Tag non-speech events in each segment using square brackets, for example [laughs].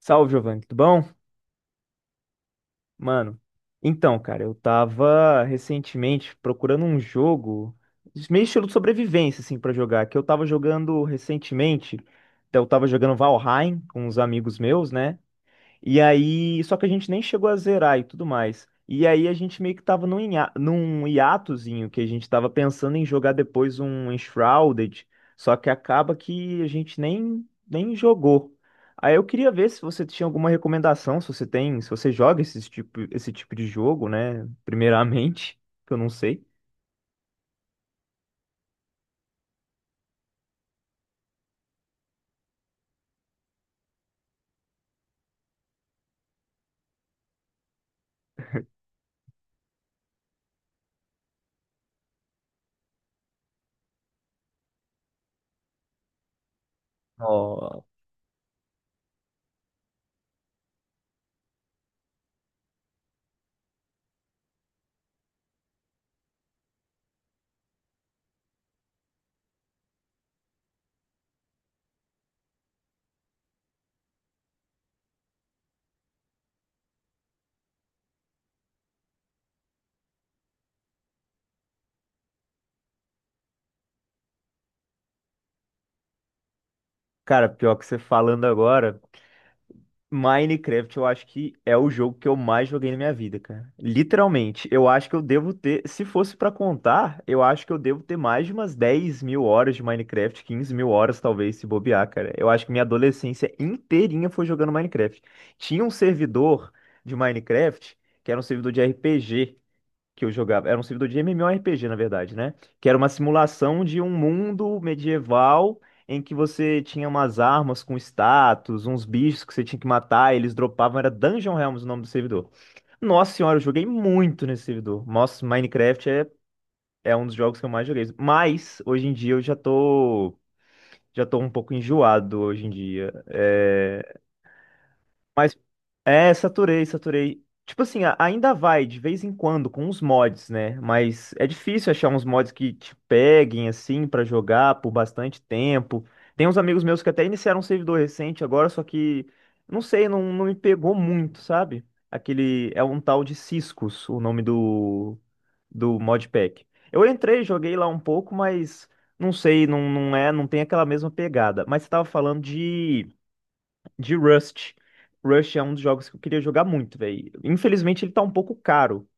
Salve, Giovanni, tudo bom? Mano, então, cara, eu tava recentemente procurando um jogo, meio estilo de sobrevivência, assim, pra jogar, que eu tava jogando recentemente. Então, eu tava jogando Valheim com uns amigos meus, né? E aí, só que a gente nem chegou a zerar e tudo mais. E aí a gente meio que tava num hiatozinho que a gente tava pensando em jogar depois um Shrouded, só que acaba que a gente nem jogou. Aí eu queria ver se você tinha alguma recomendação, se você tem, se você joga esse tipo de jogo, né? Primeiramente, que eu não sei. Ó, cara, pior que você falando agora. Minecraft, eu acho que é o jogo que eu mais joguei na minha vida, cara. Literalmente, eu acho que eu devo ter, se fosse pra contar, eu acho que eu devo ter mais de umas 10.000 horas de Minecraft, 15.000 horas talvez, se bobear, cara. Eu acho que minha adolescência inteirinha foi jogando Minecraft. Tinha um servidor de Minecraft, que era um servidor de RPG, que eu jogava. Era um servidor de MMORPG, na verdade, né? Que era uma simulação de um mundo medieval em que você tinha umas armas com status, uns bichos que você tinha que matar, eles dropavam. Era Dungeon Realms o nome do servidor. Nossa senhora, eu joguei muito nesse servidor. Nossa, Minecraft é um dos jogos que eu mais joguei. Mas, hoje em dia, eu já tô. Já tô um pouco enjoado hoje em dia. É, mas é, saturei, saturei. Tipo assim, ainda vai de vez em quando com os mods, né? Mas é difícil achar uns mods que te peguem assim pra jogar por bastante tempo. Tem uns amigos meus que até iniciaram um servidor recente agora, só que não sei, não, não me pegou muito, sabe? Aquele é um tal de Ciscos, o nome do modpack. Eu entrei, joguei lá um pouco, mas não sei, não, não é, não tem aquela mesma pegada. Mas você tava falando de Rust. Rust é um dos jogos que eu queria jogar muito, velho. Infelizmente ele tá um pouco caro.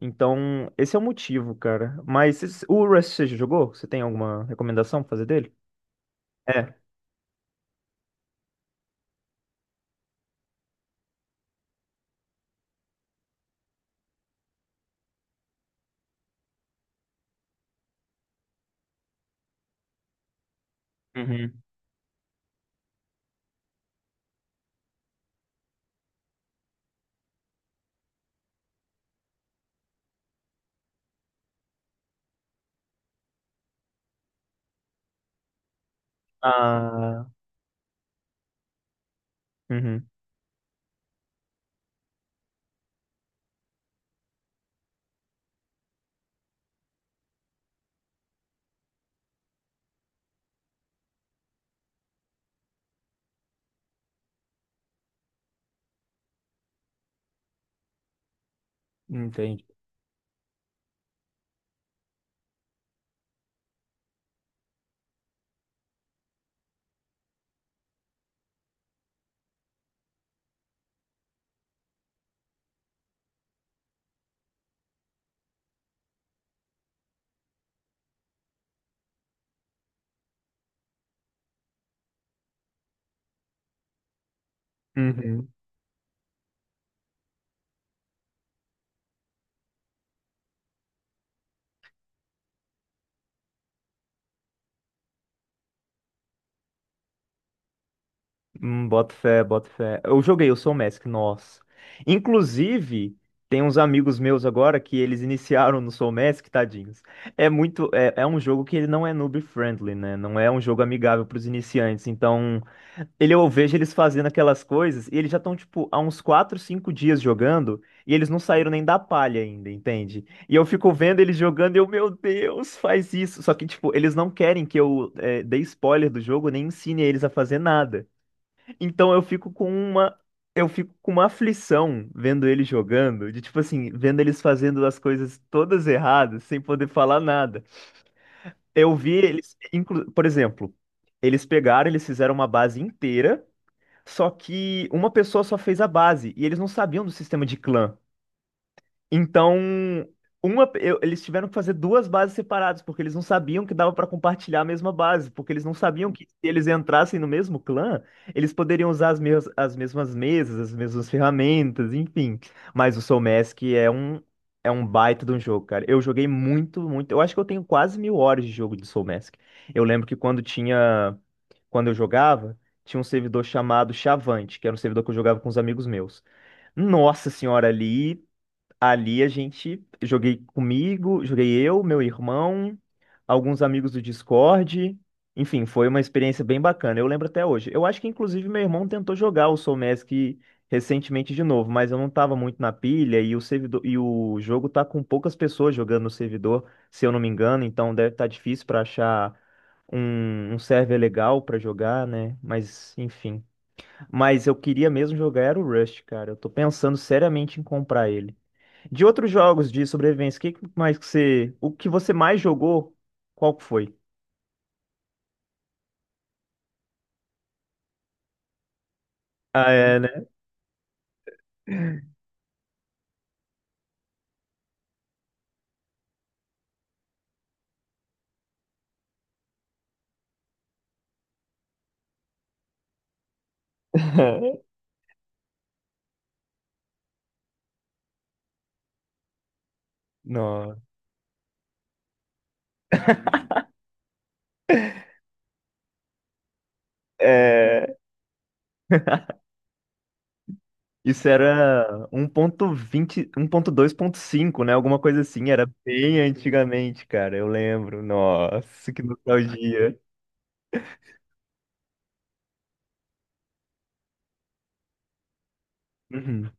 Então, esse é o motivo, cara. Mas o Rust você já jogou? Você tem alguma recomendação pra fazer dele? É. Uhum. Ah, uhum. Entendi. Uhum. Boto fé, boto fé. Eu joguei, eu sou o Mask, nossa. Inclusive, tem uns amigos meus agora que eles iniciaram no Soul Mask, tadinhos. É muito, é um jogo que ele não é noob friendly, né? Não é um jogo amigável para os iniciantes. Então, eu vejo eles fazendo aquelas coisas e eles já estão, tipo, há uns 4, 5 dias jogando e eles não saíram nem da palha ainda, entende? E eu fico vendo eles jogando e eu, meu Deus, faz isso. Só que, tipo, eles não querem que eu dê spoiler do jogo nem ensine eles a fazer nada. Então, eu fico com uma. Eu fico com uma aflição vendo eles jogando, de tipo assim, vendo eles fazendo as coisas todas erradas, sem poder falar nada. Eu vi eles, por exemplo, eles pegaram, eles fizeram uma base inteira. Só que uma pessoa só fez a base e eles não sabiam do sistema de clã. Então, eles tiveram que fazer duas bases separadas, porque eles não sabiam que dava pra compartilhar a mesma base, porque eles não sabiam que se eles entrassem no mesmo clã, eles poderiam usar as, as mesmas mesas, as mesmas ferramentas, enfim. Mas o Soul Mask é um baita de um jogo, cara. Eu joguei muito, muito. Eu acho que eu tenho quase mil horas de jogo de Soul Mask. Eu lembro que quando eu jogava, tinha um servidor chamado Chavante, que era um servidor que eu jogava com os amigos meus. Nossa senhora, ali a gente joguei comigo, joguei eu, meu irmão, alguns amigos do Discord. Enfim, foi uma experiência bem bacana. Eu lembro até hoje. Eu acho que inclusive meu irmão tentou jogar o Soul Mask recentemente de novo, mas eu não estava muito na pilha e o servidor e o jogo tá com poucas pessoas jogando no servidor, se eu não me engano, então deve estar difícil para achar um server legal para jogar, né? Mas enfim. Mas eu queria mesmo jogar era o Rust, cara. Eu tô pensando seriamente em comprar ele. De outros jogos de sobrevivência, o que que mais que você, o que você mais jogou, qual que foi? Ah, é, né? [laughs] Não. É, isso era 1.20, 1.2.5, né? Alguma coisa assim, era bem antigamente, cara, eu lembro. Nossa, que nostalgia. Uhum,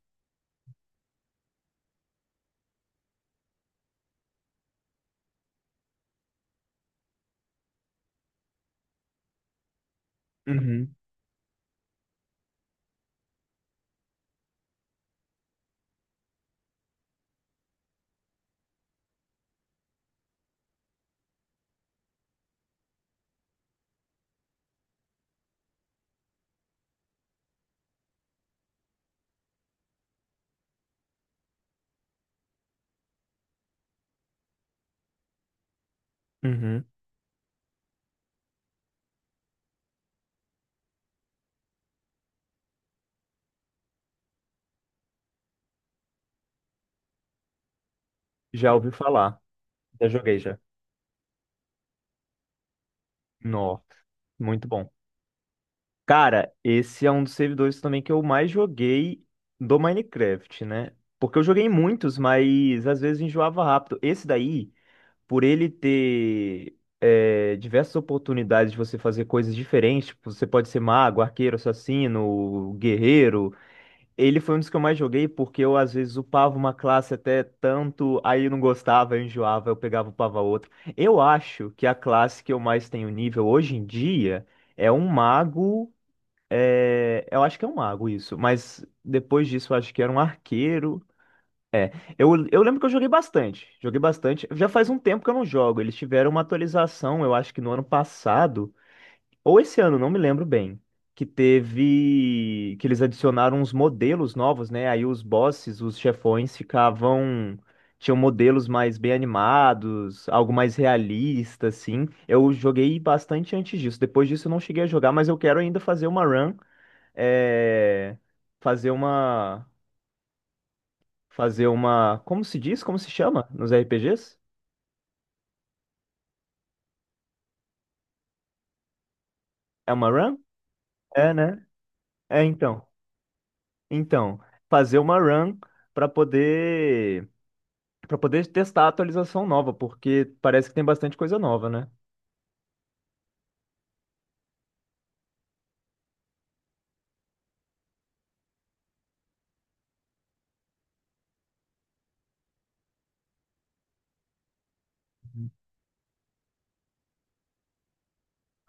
uhum, uhum. Já ouvi falar, já joguei já. Nossa, muito bom. Cara, esse é um dos servidores também que eu mais joguei do Minecraft, né? Porque eu joguei muitos, mas às vezes enjoava rápido. Esse daí, por ele ter diversas oportunidades de você fazer coisas diferentes, tipo, você pode ser mago, arqueiro, assassino, guerreiro. Ele foi um dos que eu mais joguei porque eu às vezes upava uma classe até tanto, aí eu não gostava, eu enjoava, eu pegava, e upava outra. Eu acho que a classe que eu mais tenho nível hoje em dia é um mago eu acho que é um mago isso, mas depois disso eu acho que era um arqueiro. Eu lembro que eu joguei bastante, joguei bastante. Já faz um tempo que eu não jogo. Eles tiveram uma atualização, eu acho que no ano passado, ou esse ano, não me lembro bem, que teve, que eles adicionaram uns modelos novos, né? Aí os bosses, os chefões ficavam, tinham modelos mais bem animados, algo mais realista, assim. Eu joguei bastante antes disso. Depois disso eu não cheguei a jogar, mas eu quero ainda fazer uma run é, fazer uma. Fazer uma. Como se diz? Como se chama nos RPGs? É uma run? É, né? É, então. Então, fazer uma run para poder. Para poder testar a atualização nova, porque parece que tem bastante coisa nova, né?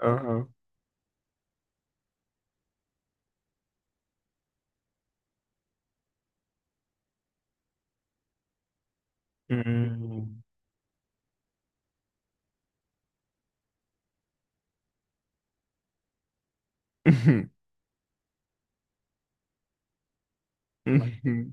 Aham. Uhum. Uhum. [laughs]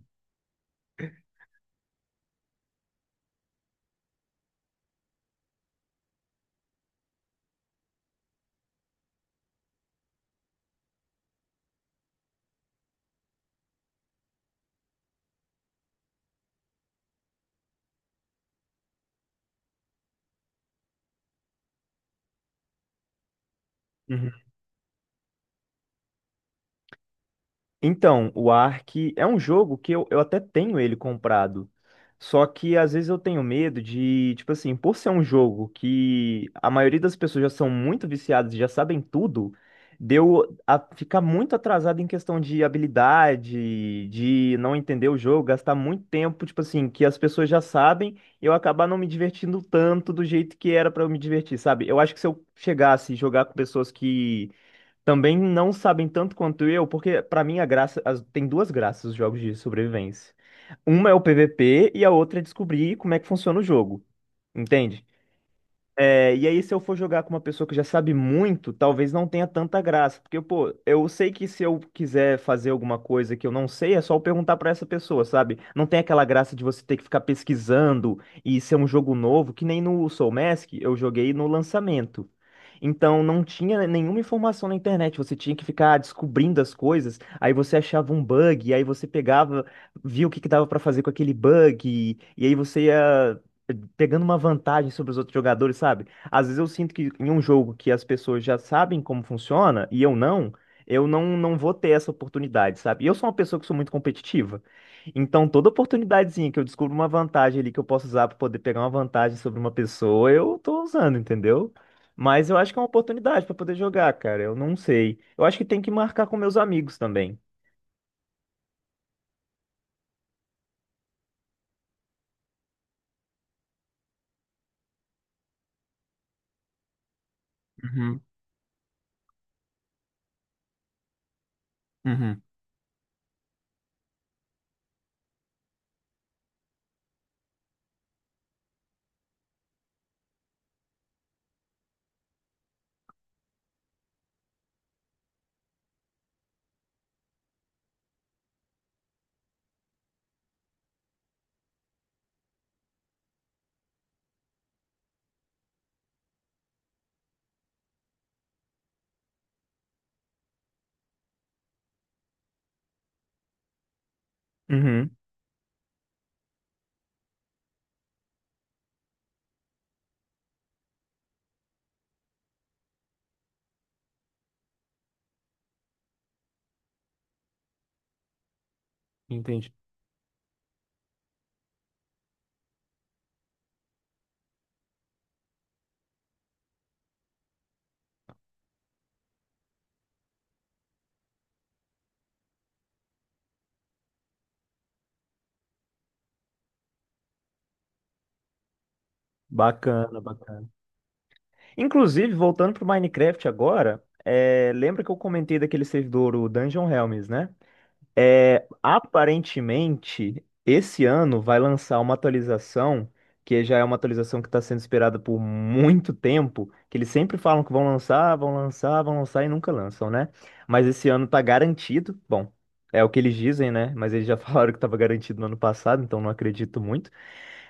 Uhum. Então, o Ark é um jogo que eu até tenho ele comprado. Só que às vezes eu tenho medo de, tipo assim, por ser um jogo que a maioria das pessoas já são muito viciadas e já sabem tudo, deu a ficar muito atrasado em questão de habilidade, de não entender o jogo, gastar muito tempo, tipo assim, que as pessoas já sabem, e eu acabar não me divertindo tanto do jeito que era pra eu me divertir, sabe? Eu acho que se eu chegasse e jogar com pessoas que também não sabem tanto quanto eu, porque pra mim a graça, tem duas graças os jogos de sobrevivência. Uma é o PVP e a outra é descobrir como é que funciona o jogo, entende? É, e aí, se eu for jogar com uma pessoa que já sabe muito, talvez não tenha tanta graça. Porque, pô, eu sei que se eu quiser fazer alguma coisa que eu não sei, é só eu perguntar pra essa pessoa, sabe? Não tem aquela graça de você ter que ficar pesquisando e ser um jogo novo, que nem no Soul Mask eu joguei no lançamento. Então, não tinha nenhuma informação na internet, você tinha que ficar descobrindo as coisas, aí você achava um bug, aí você pegava, via o que que dava pra fazer com aquele bug, e aí você ia pegando uma vantagem sobre os outros jogadores, sabe? Às vezes eu sinto que em um jogo que as pessoas já sabem como funciona e eu não, não vou ter essa oportunidade, sabe? E eu sou uma pessoa que sou muito competitiva. Então, toda oportunidadezinha que eu descubro uma vantagem ali que eu posso usar para poder pegar uma vantagem sobre uma pessoa, eu tô usando, entendeu? Mas eu acho que é uma oportunidade para poder jogar, cara. Eu não sei. Eu acho que tem que marcar com meus amigos também. Uhum, uhum. Uhum. Entendi. Bacana, bacana. Inclusive, voltando pro Minecraft agora, lembra que eu comentei daquele servidor, o Dungeon Realms, né? É, aparentemente, esse ano vai lançar uma atualização, que já é uma atualização que está sendo esperada por muito tempo, que eles sempre falam que vão lançar, vão lançar, vão lançar e nunca lançam, né? Mas esse ano tá garantido, bom, é o que eles dizem, né? Mas eles já [laughs] falaram que estava garantido no ano passado, então não acredito muito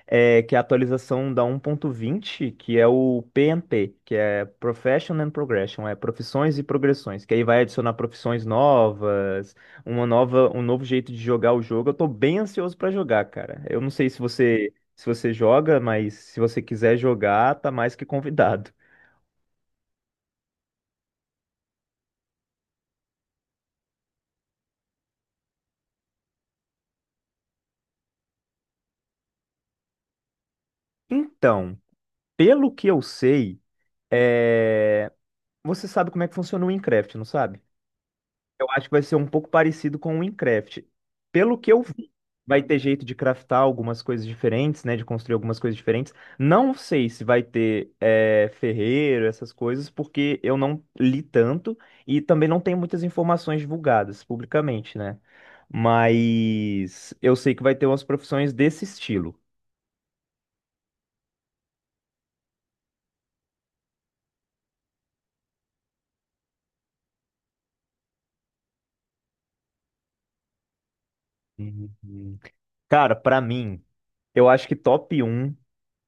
que é a atualização da 1.20, que é o PNP, que é Profession and Progression, é profissões e progressões, que aí vai adicionar profissões novas, um novo jeito de jogar o jogo. Eu tô bem ansioso pra jogar, cara. Eu não sei se você joga, mas se você quiser jogar, tá mais que convidado. Então, pelo que eu sei, é, você sabe como é que funciona o Minecraft, não sabe? Eu acho que vai ser um pouco parecido com o Minecraft. Pelo que eu vi, vai ter jeito de craftar algumas coisas diferentes, né? De construir algumas coisas diferentes. Não sei se vai ter ferreiro, essas coisas, porque eu não li tanto e também não tenho muitas informações divulgadas publicamente, né? Mas eu sei que vai ter umas profissões desse estilo. Uhum. Cara, pra mim, eu acho que top um,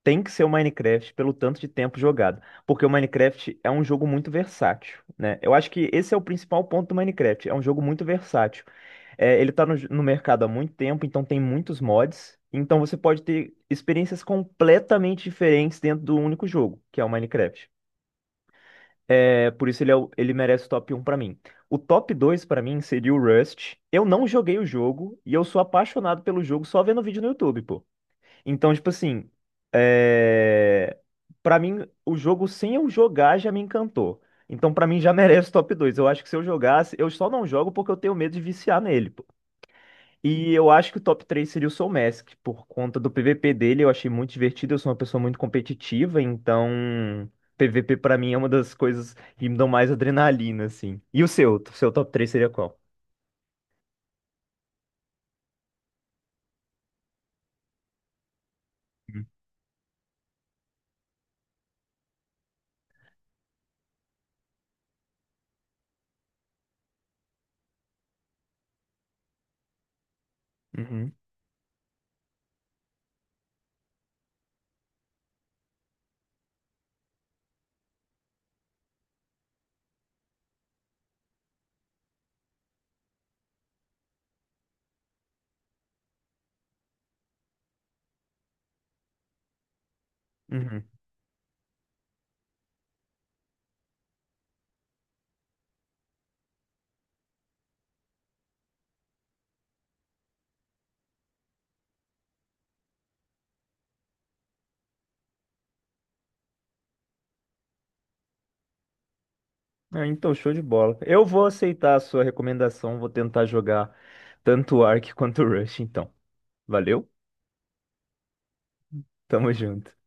tem que ser o Minecraft pelo tanto de tempo jogado, porque o Minecraft é um jogo muito versátil, né? Eu acho que esse é o principal ponto do Minecraft, é um jogo muito versátil. É, ele tá no mercado há muito tempo, então tem muitos mods, então você pode ter experiências completamente diferentes dentro do único jogo, que é o Minecraft. É, por isso ele, ele merece o top um pra mim. O top 2 pra mim seria o Rust. Eu não joguei o jogo e eu sou apaixonado pelo jogo só vendo vídeo no YouTube, pô. Então, tipo assim, é... para mim, o jogo sem eu jogar já me encantou. Então, pra mim, já [laughs] merece top dois. Eu acho que se eu jogasse, eu só não jogo porque eu tenho medo de viciar nele, pô. E eu acho que o top 3 seria o Soul Mask, por conta do PVP dele, eu achei muito divertido. Eu sou uma pessoa muito competitiva, então PVP pra mim é uma das coisas que me dão mais adrenalina, assim. E o seu? O seu top três seria qual? Uhum, uhum. Ah, então, show de bola. Eu vou aceitar a sua recomendação, vou tentar jogar tanto o Ark quanto o Rush, então. Valeu, tamo junto.